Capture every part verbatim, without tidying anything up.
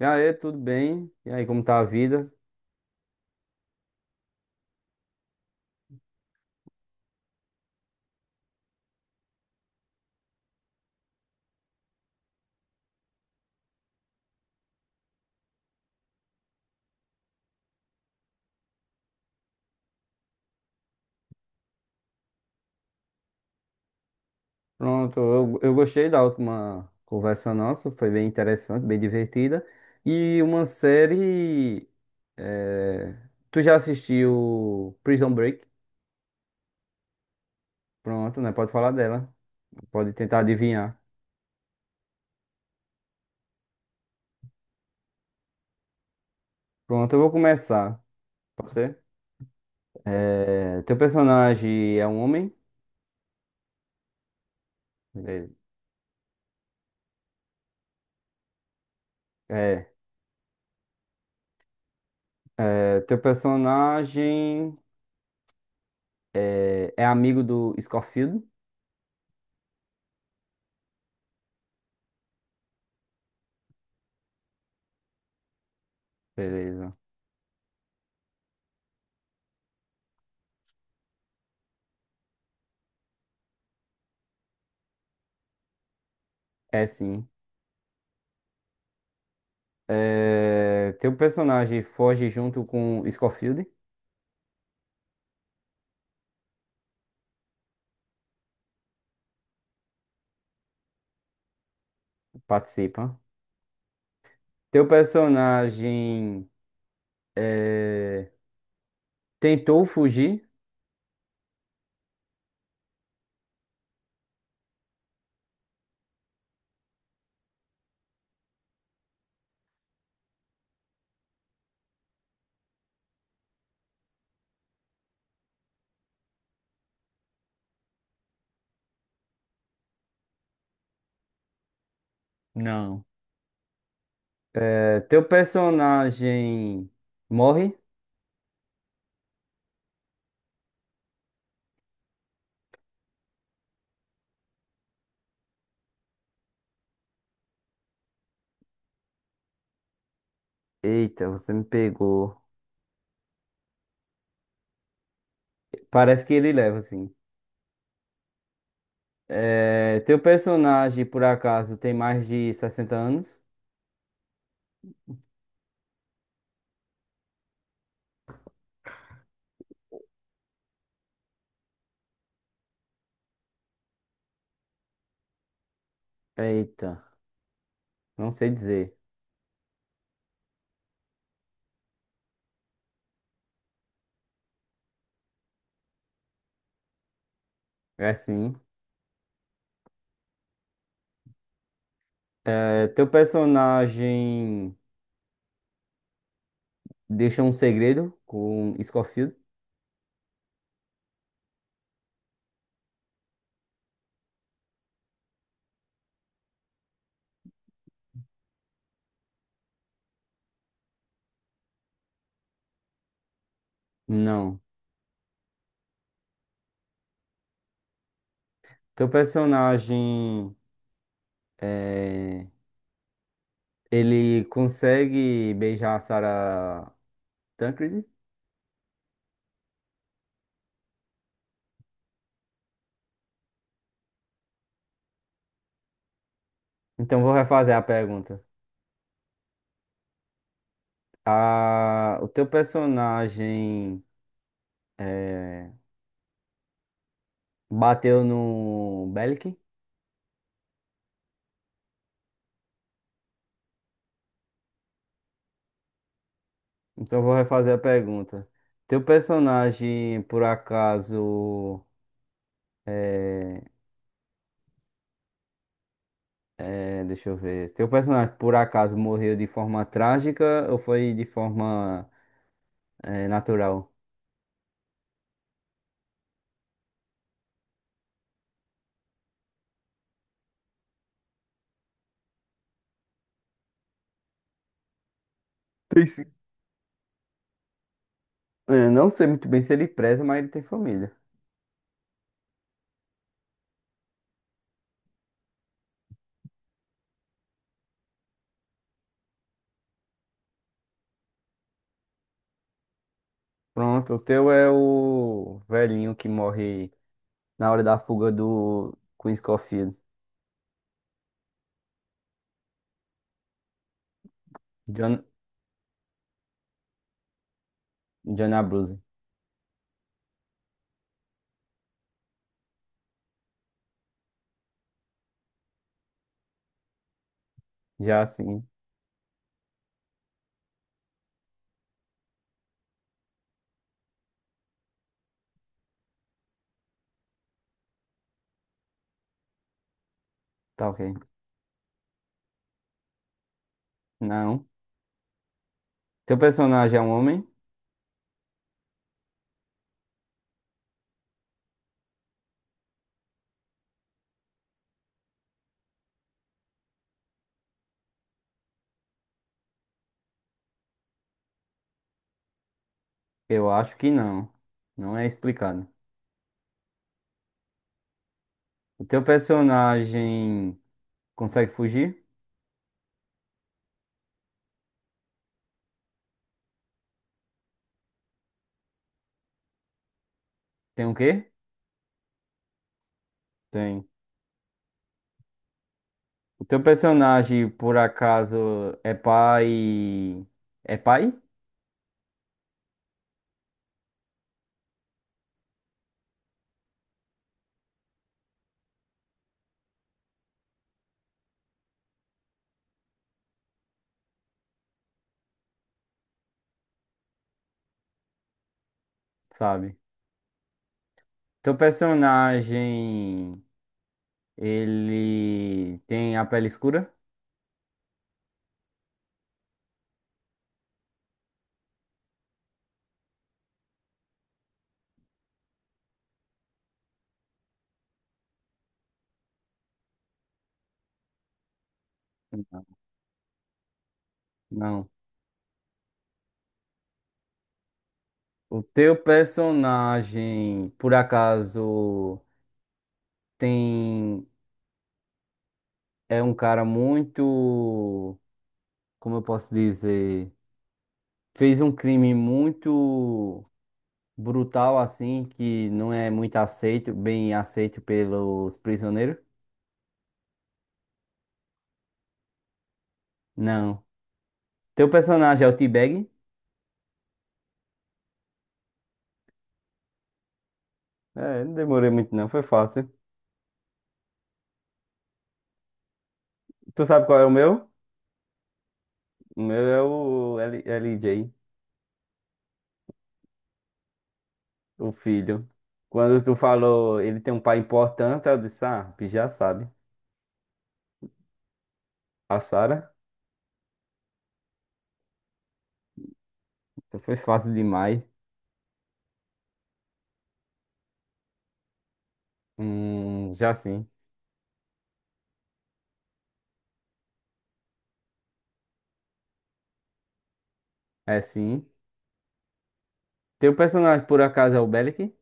E aí, tudo bem? E aí, como tá a vida? Pronto, eu, eu gostei da última conversa nossa, foi bem interessante, bem divertida. E uma série. eh, Tu já assistiu Prison Break? Pronto, né? Pode falar dela. Pode tentar adivinhar. Pronto, eu vou começar. Pode ser? Eh, Teu personagem é um homem? Beleza. É. Eh, Teu personagem eh, é amigo do Scofield? Beleza. É sim. É, teu personagem foge junto com Scofield? Participa. Teu personagem é, tentou fugir? Não. É, teu personagem morre? Eita, você me pegou. Parece que ele leva, assim. É, teu personagem, por acaso, tem mais de sessenta anos? Eita, não sei dizer. É sim. É, teu personagem deixou um segredo com Scofield? Não. Teu personagem, é, ele consegue beijar a Sarah Tancredi? Então vou refazer a pergunta. A, o teu personagem é, bateu no Belkin? Então vou refazer a pergunta. Teu personagem, por acaso, é, é, deixa eu ver. Teu personagem, por acaso, morreu de forma trágica ou foi de forma é, natural? Tem. Eu não sei muito bem se ele preza, mas ele tem família. Pronto, o teu é o velhinho que morre na hora da fuga do Queen Scofield. John, John Abruzzi. Já sim, tá ok. Não. Teu personagem é um homem? Eu acho que não. Não é explicado. O teu personagem consegue fugir? Tem o quê? Tem. O teu personagem, por acaso, é pai. É pai? Sabe? Teu personagem. Ele tem a pele escura? Não. O teu personagem, por acaso, tem é um cara muito, como eu posso dizer, fez um crime muito brutal assim, que não é muito aceito, bem aceito pelos prisioneiros? Não. Teu personagem é o T-Bag? É, não demorei muito não, foi fácil. Tu sabe qual é o meu? O meu é o L- LJ, o filho. Quando tu falou, ele tem um pai importante, eu disse, ah, tu já sabe. A Sarah, então foi fácil demais. Hum, já sim. É sim. Teu personagem, por acaso, é o Bellic?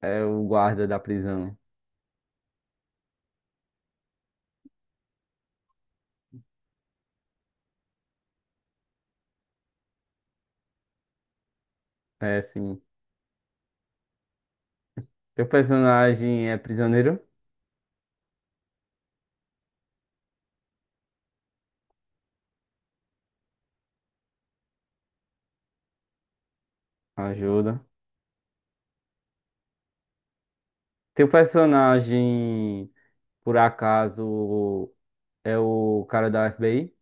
É o guarda da prisão. É sim. Teu personagem é prisioneiro? Ajuda. Teu personagem, por acaso, é o cara da F B I?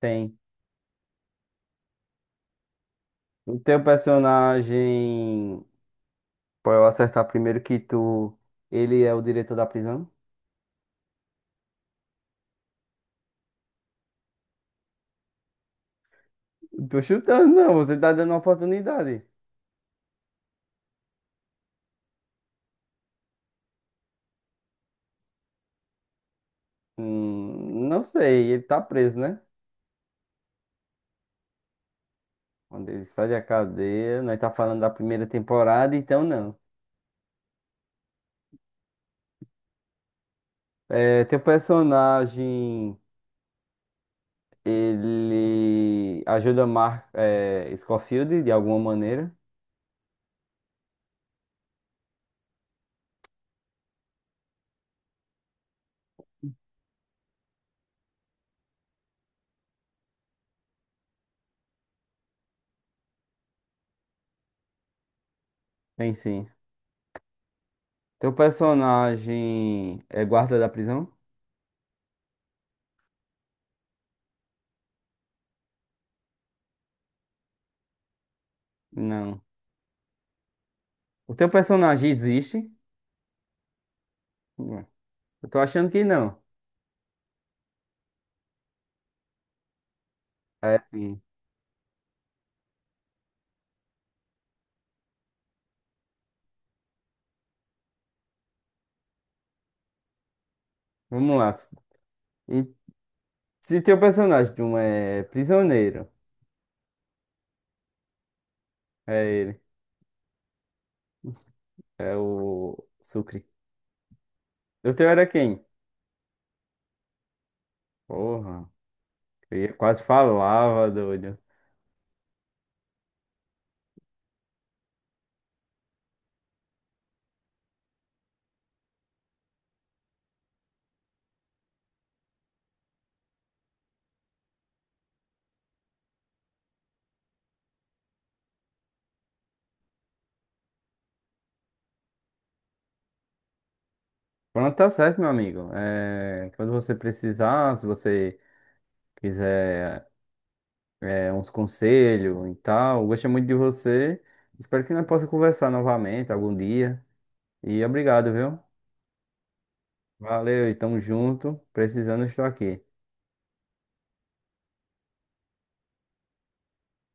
Tem. O teu personagem, pra eu acertar primeiro que tu, ele é o diretor da prisão? Tô chutando, não. Você tá dando uma oportunidade. Hum, não sei, ele tá preso, né? Quando ele sai da cadeia, nós tá falando da primeira temporada, então não. É, teu personagem, ele ajuda Mark, é, Scofield de alguma maneira? Tem sim. Teu personagem é guarda da prisão? Não. O teu personagem existe? Não. Eu tô achando que não. É sim. Vamos lá. E se teu personagem de um é prisioneiro, é ele. É o Sucre. O teu era quem? Porra. Eu ia- quase falava, doido. Pronto, tá certo, meu amigo. É, quando você precisar, se você quiser. É, uns conselhos e tal. Gostei muito de você. Espero que nós possa conversar novamente algum dia. E obrigado, viu? Valeu e tamo junto. Precisando, estou aqui.